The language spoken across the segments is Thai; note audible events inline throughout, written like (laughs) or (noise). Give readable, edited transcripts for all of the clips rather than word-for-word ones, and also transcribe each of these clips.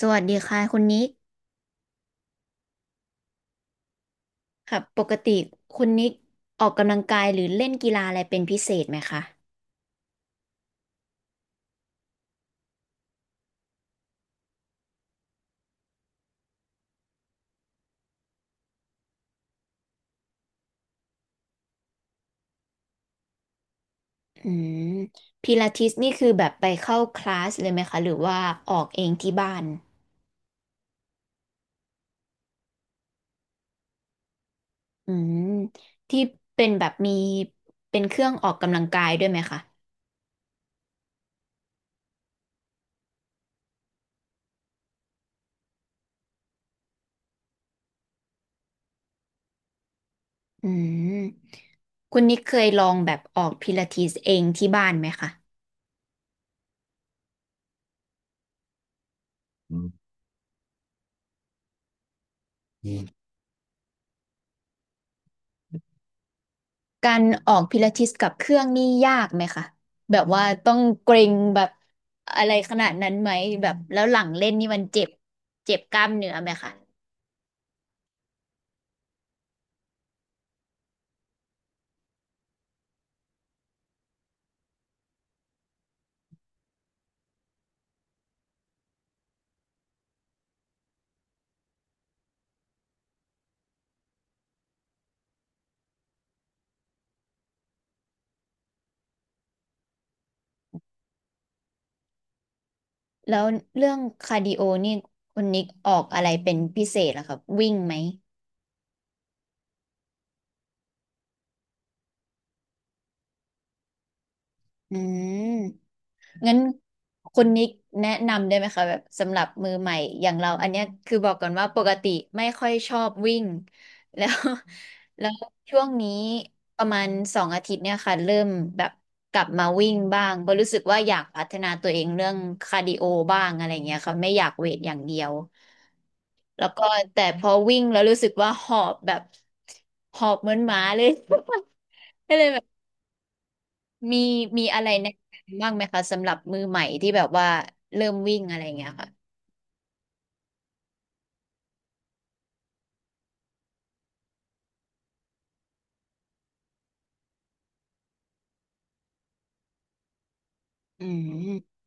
สวัสดีค่ะคุณนิกค่ะปกติคุณนิกออกกำลังกายหรือเล่นกีฬาอะไรเป็นพิเศษไหมคะอืมพิลาทิสนี่คือแบบไปเข้าคลาสเลยไหมคะหรือว่าออกเองที่บ้านอืมที่เป็นแบบมีเป็นเครื่องออกกำลังกายด้วยไหมคะอืมคุณนิกเคยลองแบบออกพิลาทิสเองที่บ้านไหมคะอืม การออกพิลาทิสกับเครื่องนี่ยากไหมคะแบบว่าต้องเกร็งแบบอะไรขนาดนั้นไหมแบบแล้วหลังเล่นนี่มันเจ็บเจ็บกล้ามเนื้อไหมคะแล้วเรื่องคาร์ดิโอนี่คุณนิกออกอะไรเป็นพิเศษเหรอครับวิ่งไหมอืม งั้นคุณนิกแนะนำได้ไหมคะแบบสำหรับมือใหม่อย่างเราอันเนี้ยคือบอกก่อนว่าปกติไม่ค่อยชอบวิ่ง (laughs) แล้ว (laughs) แล้วช่วงนี้ประมาณ2 อาทิตย์เนี่ยค่ะเริ่มแบบกลับมาวิ่งบ้างเพราะรู้สึกว่าอยากพัฒนาตัวเองเรื่องคาร์ดิโอบ้างอะไรเงี้ยค่ะไม่อยากเวทอย่างเดียวแล้วก็แต่พอวิ่งแล้วรู้สึกว่าหอบแบบหอบเหมือนหมาเลย (laughs) ก็เลยมีมีอะไรแนะนำบ้างไหมคะสำหรับมือใหม่ที่แบบว่าเริ่มวิ่งอะไรเงี้ยค่ะอืม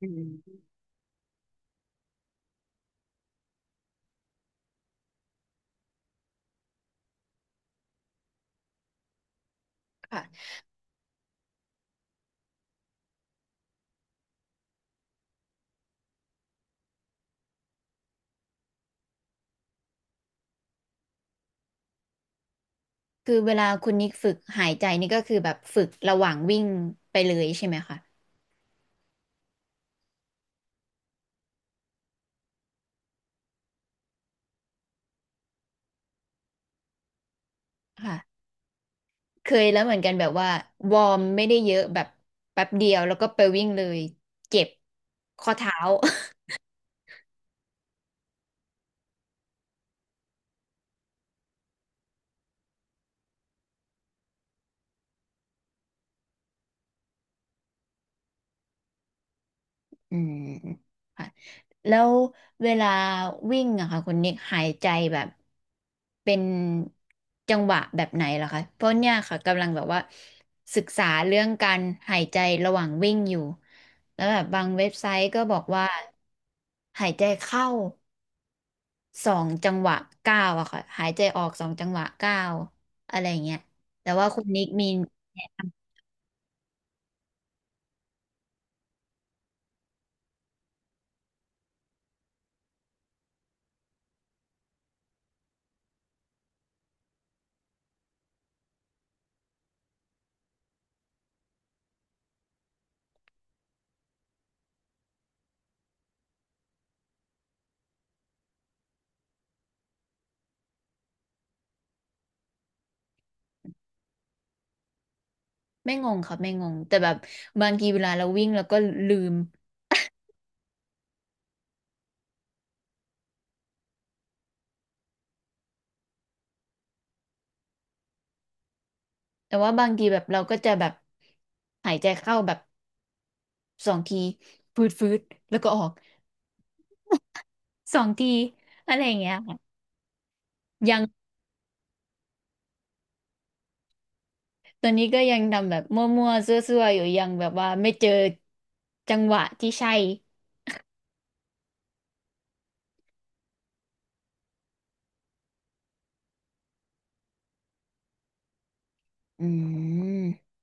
อืมค่ะคือเวลาคุณนิกฝึกหายใจนี่ก็คือแบบฝึกระหว่างวิ่งไปเลยใช่ไหมคะค่ะเคยแล้วเหมือนกันแบบว่าวอร์มไม่ได้เยอะแบบแป๊บเดียวแล้วก็ไปวิ่งเลยเจ็บข้อเท้า อืมค่ะแล้วเวลาวิ่งอะค่ะคุณนิกหายใจแบบเป็นจังหวะแบบไหนเหรอคะเพราะเนี่ยค่ะกำลังแบบว่าศึกษาเรื่องการหายใจระหว่างวิ่งอยู่แล้วแบบบางเว็บไซต์ก็บอกว่าหายใจเข้าสองจังหวะเก้าวอะค่ะหายใจออกสองจังหวะเก้าวอะไรเงี้ยแต่ว่าคุณนิกมีแนะนำไม่งงค่ะไม่งงแต่แบบบางทีเวลาเราวิ่งเราก็ลืม แต่ว่าบางทีแบบเราก็จะแบบหายใจเข้าแบบสองทีฟืดฟืดแล้วก็ออกสองทีอะไรอย่างเงี้ยค่ะยังตอนนี้ก็ยังทำแบบมั่วๆซั่วๆอยู่ยังแบบว่าไม่เจอจังหวะที่ใช่อืม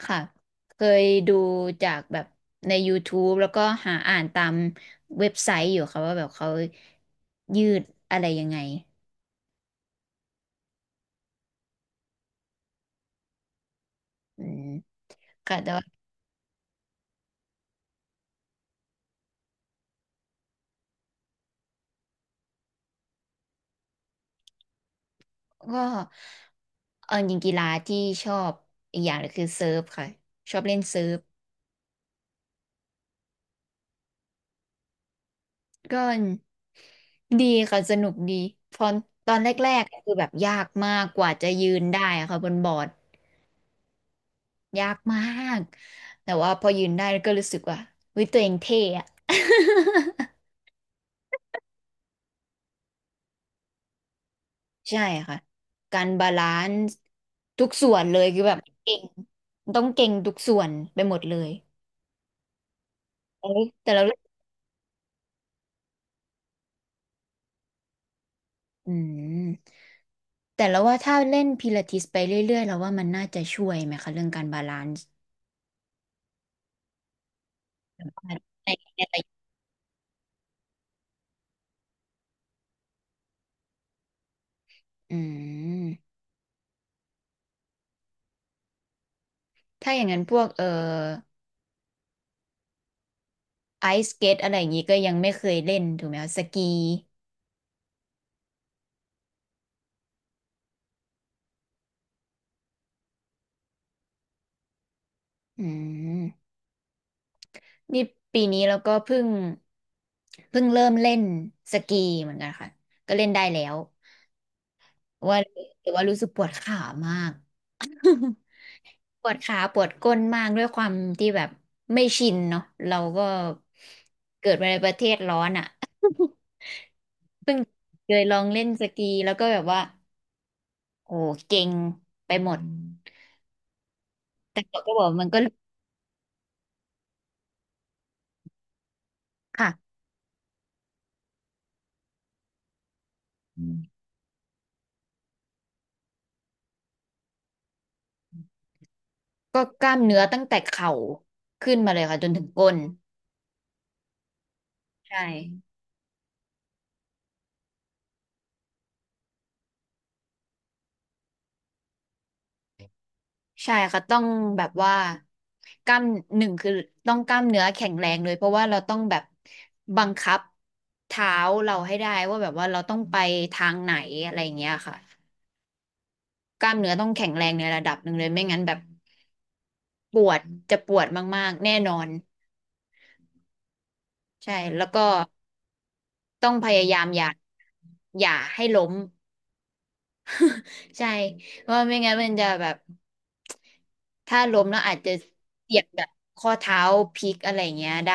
ค่ะเคยดูจากแบบใน YouTube แล้วก็หาอ่านตามเว็บไซต์อยู่ค่ะว่าแบบเขายืดอะไรยังไงอืมค่ะแต่ ก็เออจริงกีฬาที่ชอบอีกอย่างหนึ่งคือเซิร์ฟค่ะชอบเล่นเซิร์ฟก็ดีค่ะสนุกดีพอตอนแรกๆคือแบบยากมากกว่าจะยืนได้อะค่ะบนบอร์ดยากมากแต่ว่าพอยืนได้ก็รู้สึกว่าเฮ้ยตัวเองเท่อะ (laughs) ใช่ค่ะการบาลานซ์ทุกส่วนเลยคือแบบเก่งต้องเก่งทุกส่วนไปหมดเลยเอ้ยแต่ละ อืมแต่แล้วว่าถ้าเล่นพิลาทิสไปเรื่อยๆแล้วว่ามันน่าจะช่วยไหมคะเรื่องการบาลานซ์ในในระยะอืมถ้าอย่างนั้นพวกไอสเกตอะไรอย่างนี้ก็ยังไม่เคยเล่นถูกไหมคะสกีอืมนี่ปีนี้เราก็เพิ่งเริ่มเล่นสกีเหมือนกันค่ะก็เล่นได้แล้วว่าแต่ว่ารู้สึกปวดขามาก (laughs) ปวดขาปวดก้นมากด้วยความที่แบบไม่ชินเนาะเราก็เกิดมาในประเทศร้อนอ่ะ (laughs) เพิ่งเคยลองเล่นสกีแล้วก็แบบว่าโอ้เก่งไปหมดแต่เราก็บอกมันก็ค่ะก็กล้ามเนื้อตั้งแต่เข่าขึ้นมาเลยค่ะจนถึงก้นใช่ ใช่ค่ะต้องแบบว่ากล้ามหนึ่งคือต้องกล้ามเนื้อแข็งแรงเลยเพราะว่าเราต้องแบบบังคับเท้าเราให้ได้ว่าแบบว่าเราต้องไปทางไหนอะไรอย่างเงี้ยค่ะกล้ามเนื้อต้องแข็งแรงในระดับหนึ่งเลยไม่งั้นแบบปวดจะปวดมากๆแน่นอนใช่แล้วก็ต้องพยายามอย่าให้ล้ม (laughs) ใช่เพราะไม่งั้นมันจะแบบถ้าล้มแล้วอาจจะเจ็บแบบข้อเท้าพลิกอะไรเงี้ยได้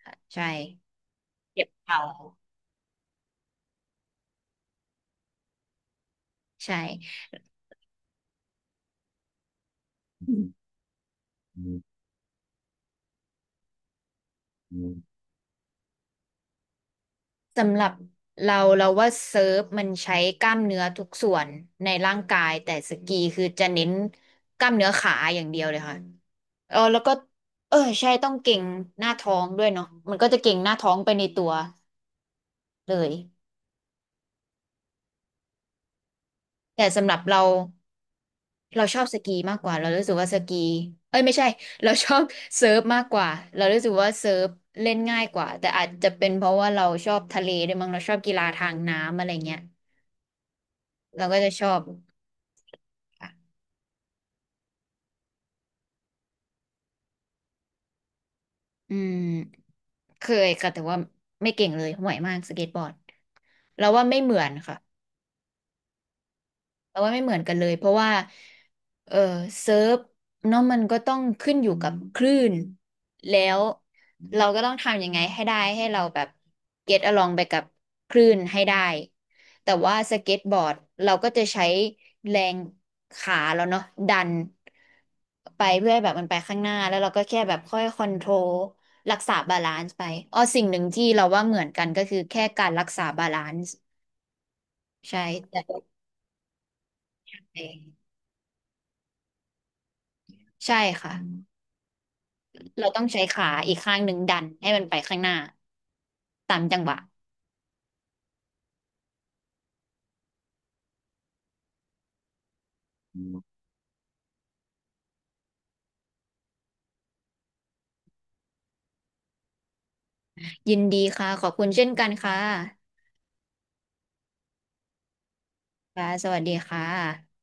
ค่ะใช่เจ็บเข่าใช่อืมสำหรับเราเราว่าเซิร์ฟมันใช้กล้ามเนื้อทุกส่วนในร่างกายแต่สกีคือจะเน้นกล้ามเนื้อขาอย่างเดียวเลยค่ะเออแล้วก็เออใช่ต้องเก่งหน้าท้องด้วยเนาะมันก็จะเก่งหน้าท้องไปในตัวเลยแต่สำหรับเรา เราชอบสกีมากกว่าเรารู้สึกว่าสกีเอ้ยไม่ใช่ (laughs) เราชอบเซิร์ฟมากกว่าเรารู้สึกว่าเซิร์ฟเล่นง่ายกว่าแต่อาจจะเป็นเพราะว่าเราชอบทะเลด้วยมั้งเราชอบกีฬาทางน้ำอะไรเงี้ยเราก็จะชอบค่ะอืมเคยค่ะแต่ว่าไม่เก่งเลยห่วยมากสเก็ตบอร์ดเราว่าไม่เหมือนค่ะ แต่ว่าไม่เหมือนกันเลยเพราะว่าเออเซิร์ฟเนาะมันก็ต้องขึ้นอยู่กับคลื่นแล้วเราก็ต้องทำยังไงให้ได้ให้เราแบบ get along ไปกับคลื่นให้ได้แต่ว่าสเก็ตบอร์ดเราก็จะใช้แรงขาเราเนาะดันไปเพื่อให้แบบมันไปข้างหน้าแล้วเราก็แค่แบบค่อยคอนโทรลรักษาบาลานซ์ไปอ๋อสิ่งหนึ่งที่เราว่าเหมือนกันก็คือแค่การรักษาบาลานซ์ใช่แต่ใช่ค่ะ เราต้องใช้ขาอีกข้างหนึ่งดันให้มันไปข้างหน้าตามจังหวะอืมยินดีค่ะขอบคุณเช่นกันค่ะค่ะสวัสดีค่ะ